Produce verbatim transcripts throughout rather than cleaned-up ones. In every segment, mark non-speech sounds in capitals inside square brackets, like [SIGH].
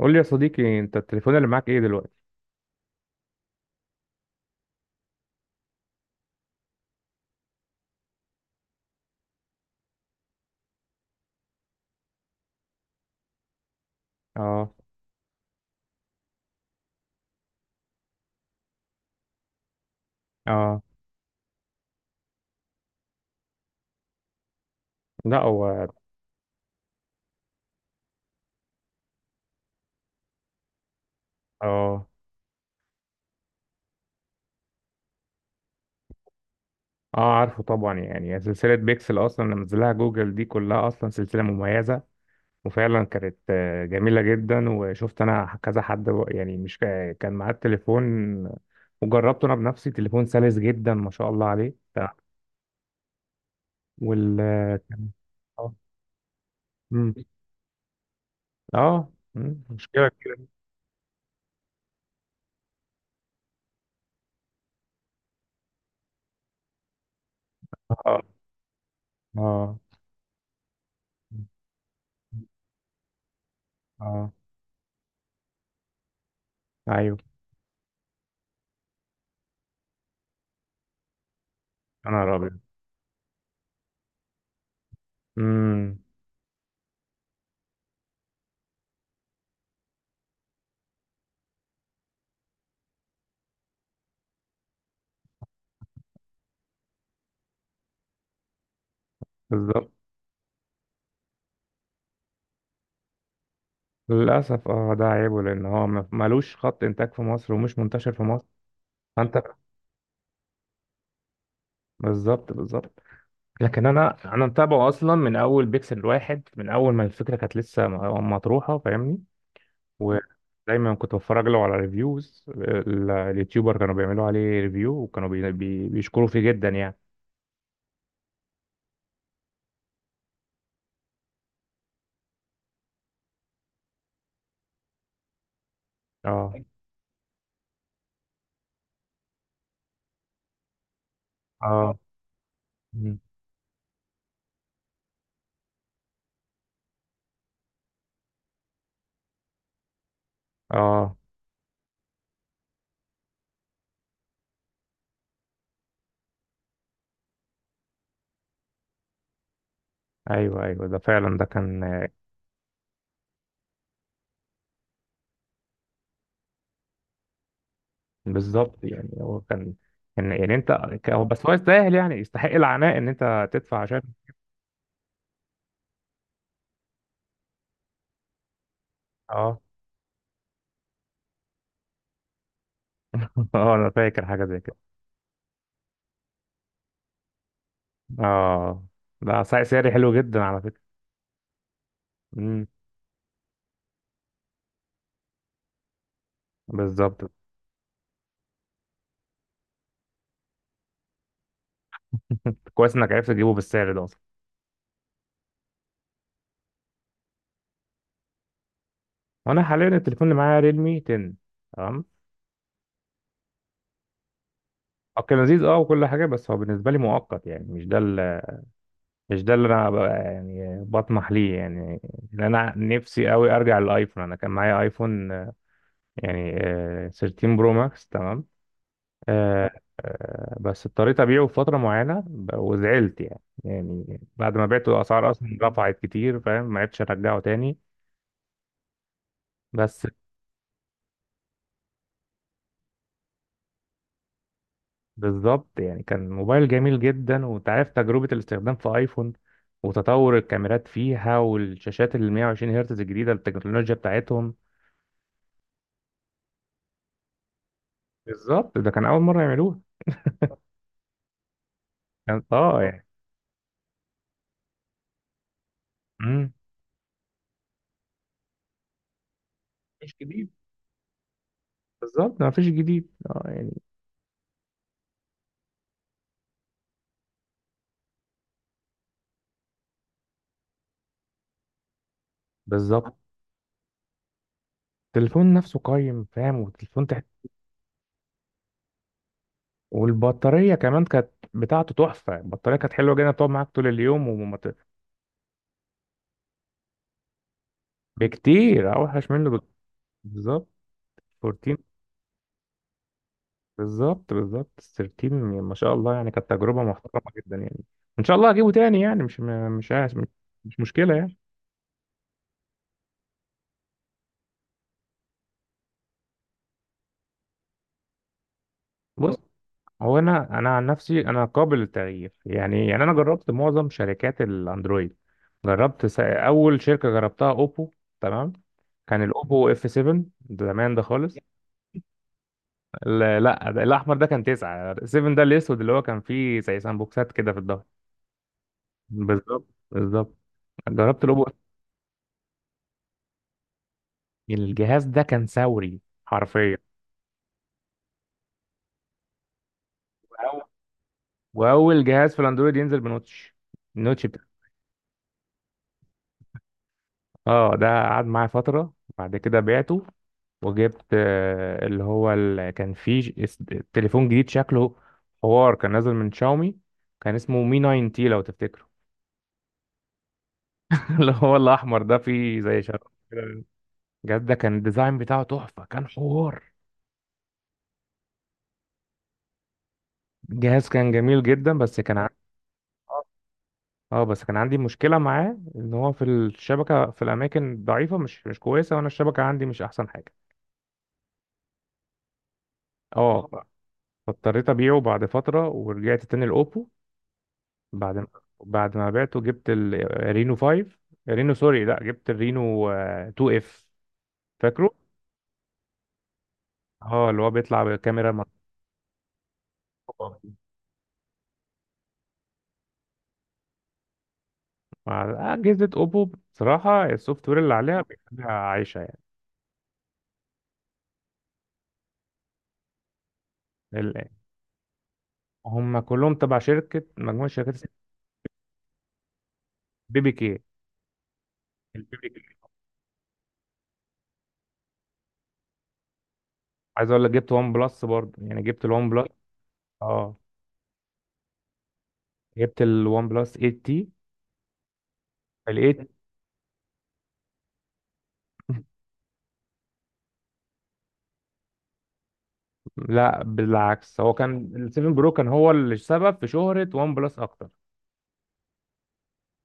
قول لي يا صديقي، انت التليفون اللي معاك ايه دلوقتي؟ اه. اه. لا، هو. اه. اه. عارفه طبعا، يعني سلسلة بيكسل اصلا لما نزلها جوجل دي كلها اصلا سلسلة مميزة. وفعلا كانت آه، جميلة جدا، وشفت انا كذا حد و- يعني مش كا- كان معاه التليفون وجربته انا بنفسي. تليفون سلس جدا ما شاء الله عليه، تمام. وال كان- اه. مم. اه. مم. مشكلة كده. اه. اه. اه. آه. ايوه. انا رابط. امم بالظبط. للأسف اه ده عيبه، لأن هو ما- ملوش خط إنتاج في مصر ومش منتشر في مصر. فأنت، بالظبط بالظبط. لكن أنا أنا متابعه أصلا من أول بيكسل واحد، من أول ما الفكرة كانت لسه م- مطروحة، فاهمني. ودايما كنت بتفرج له على ريفيوز. اليوتيوبر كانوا بيعملوا عليه ريفيو، وكانوا بي بي بيشكروا فيه جدا يعني. اه. اه. مم. اه. ايوه ايوه، ده فعلا ده كان آه، بالظبط. يعني هو كان، كان يعني انت، ك- هو بس هو يستاهل، يعني يستحق العناء ان انت تدفع عشان. اه. [LAUGHS] اه، انا فاكر حاجه زي كده. اه، ده سعر سعري حلو جدا على فكره. امم بالظبط. كويس انك عرفت تجيبه بالسعر ده اصلا. وانا حاليا التليفون اللي معايا ريلمي عشرة، تمام. هو كان لذيذ اه، وكل حاجه، بس هو بالنسبه لي مؤقت. يعني مش ده ال- مش ده اللي انا بقى يعني بطمح ليه، يعني. لان انا نفسي قوي ارجع للايفون. انا كان معايا ايفون آه، يعني آه، تلتاشر برو ماكس، تمام. آه، آه، بس اضطريت أبيعه في فترة معينة ب- وزعلت يعني. يعني بعد ما بعته الأسعار أصلا رفعت كتير، فاهم، ما عرفتش أرجعه تاني. بس بالظبط. يعني كان موبايل جميل جدا، وأنت عارف تجربة الاستخدام في آيفون وتطور الكاميرات فيها، والشاشات ال مية وعشرين هرتز الجديدة، التكنولوجيا بتاعتهم. بالظبط، ده كان أول مرة يعملوها. كان اه يعني. مم. مفيش جديد. بالظبط، ما فيش جديد اه يعني. بالظبط. التليفون نفسه قايم، فاهم، والتليفون والبطارية كمان كانت بتاعته تحفة، البطارية كانت حلوة جدا تقعد معاك طول اليوم ومت... بكتير أوحش منه بك- بالظبط. اربعتاشر بالظبط بالظبط. تلتاشر ما شاء الله، يعني كانت تجربة محترمة جدا، يعني إن شاء الله هجيبه تاني. يعني مش م- مش عايز، مش مشكلة يعني. بص، هو أنا أنا عن نفسي أنا قابل للتغيير، يعني يعني أنا جربت معظم شركات الأندرويد. جربت س- أول شركة جربتها أوبو، تمام. كان الأوبو اف سبعة، زمان ده خالص. ال- لا، ده الاحمر، ده كان تسعة. سبعة ده الاسود، اللي هو كان فيه زي سامبوكسات كده في الظهر. بالظبط بالظبط. جربت الاوبو، الجهاز ده كان ثوري حرفيا. وأول، وأول جهاز في الاندرويد ينزل بنوتش، النوتش بتاع اه. ده قعد معايا فترة، بعد كده بعته. وجبت آه، اللي هو ال... كان فيه ج- اس- تليفون جديد شكله حوار، كان نازل من شاومي، كان اسمه مي تسعة تي، لو تفتكره. [LAUGHS] اللي هو الاحمر ده فيه زي شراب كده. جد، ده كان الديزاين بتاعه تحفة، كان حوار. الجهاز كان جميل جدا بس كان عندي اه، بس كان عندي مشكلة معاه ان هو في الشبكة في الاماكن ضعيفة مش مش كويسة، وانا الشبكة عندي مش احسن حاجة. اه. فاضطريت ابيعه بعد فترة ورجعت تاني الاوبو. بعد ما بعد ما بعته، جبت الرينو خمسة. رينو، سوري، لا جبت الرينو آه، اتنين اف، فاكره. اه، اللي هو بيطلع بكاميرا مع مع- أجهزة أوبو. بصراحة السوفت وير اللي عليها بيخليها عايشة، يعني هم كلهم تبع شركة، مجموعة شركات اسمها بيبي كي. البيبي كي. عايز اقول لك جبت ون بلس برضه، يعني جبت الون بلس. اه، جبت الون بلس تمنية تي. ال [LAUGHS] تمنية، لا، بالعكس، هو كان ال سبعة برو كان هو السبب في شهرة ون بلس اكتر.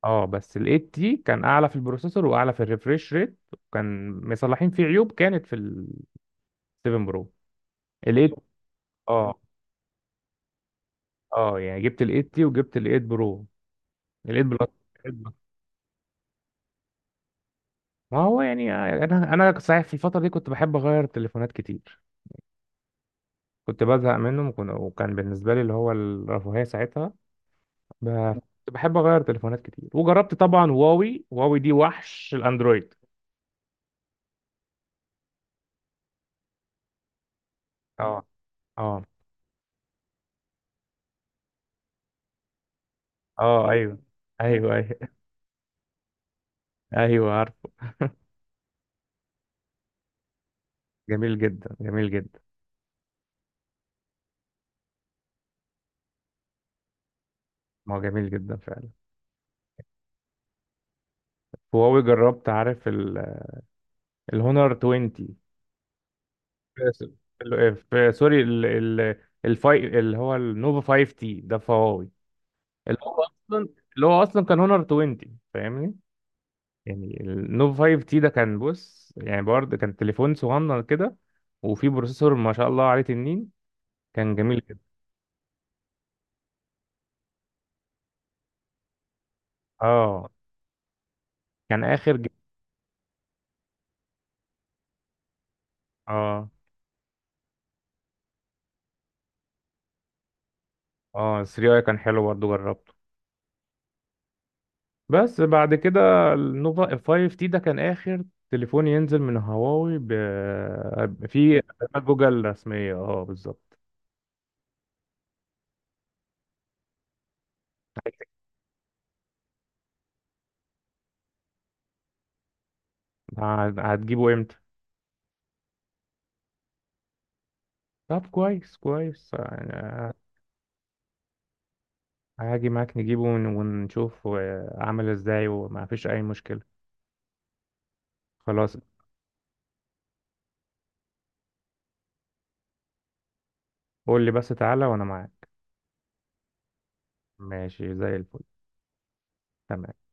اه، بس ال ثمانية تي كان اعلى في البروسيسور واعلى في الريفريش ريت، وكان مصلحين فيه عيوب كانت في ال سبعة برو، ال تمنية. اه. اه يعني جبت ال تمنية تي، وجبت ال تمنية برو، ال تمنية بلس. ما هو يعني انا انا صحيح في الفتره دي كنت بحب اغير تليفونات كتير. كنت بزهق منهم، وكن- وكان بالنسبه لي اللي هو الرفاهيه ساعتها. ب- كنت بحب اغير تليفونات كتير، وجربت طبعا هواوي. هواوي دي وحش الاندرويد. اه. اه. اه. ايوه، ايوه، ايوه. [LAUGHS] ايوه عارف. جميل جدا، جميل جدا. ما هو جميل جدا فعلا. هواوي جربت، عارف ال- الهونر عشرين. في في- سوري ال- ال- الفاي اللي هو النوفا خمسة تي ده في هواوي. اللي هو اصلا اللي هو اصلا كان هونر عشرين، فاهمني. يعني النوف خمسة تي ده كان، بص يعني برضه كان تليفون صغنن كده، وفيه بروسيسور ما شاء الله عليه تنين. كان جميل جدا. اه كان اخر جي... اه. اه. تلاتة اي كان حلو برضه، جربته. بس بعد كده النوفا خمسة تي ده كان اخر تليفون ينزل من هواوي ب... في خدمات جوجل رسمية. اه بالظبط. هت- هتجيبه امتى؟ طب كويس كويس يعني. هاجي معاك نجيبه، ون- ونشوف آه، عامل ازاي وما فيش اي مشكلة. خلاص. قول لي بس تعالى، وانا معاك. ماشي زي الفل. تمام.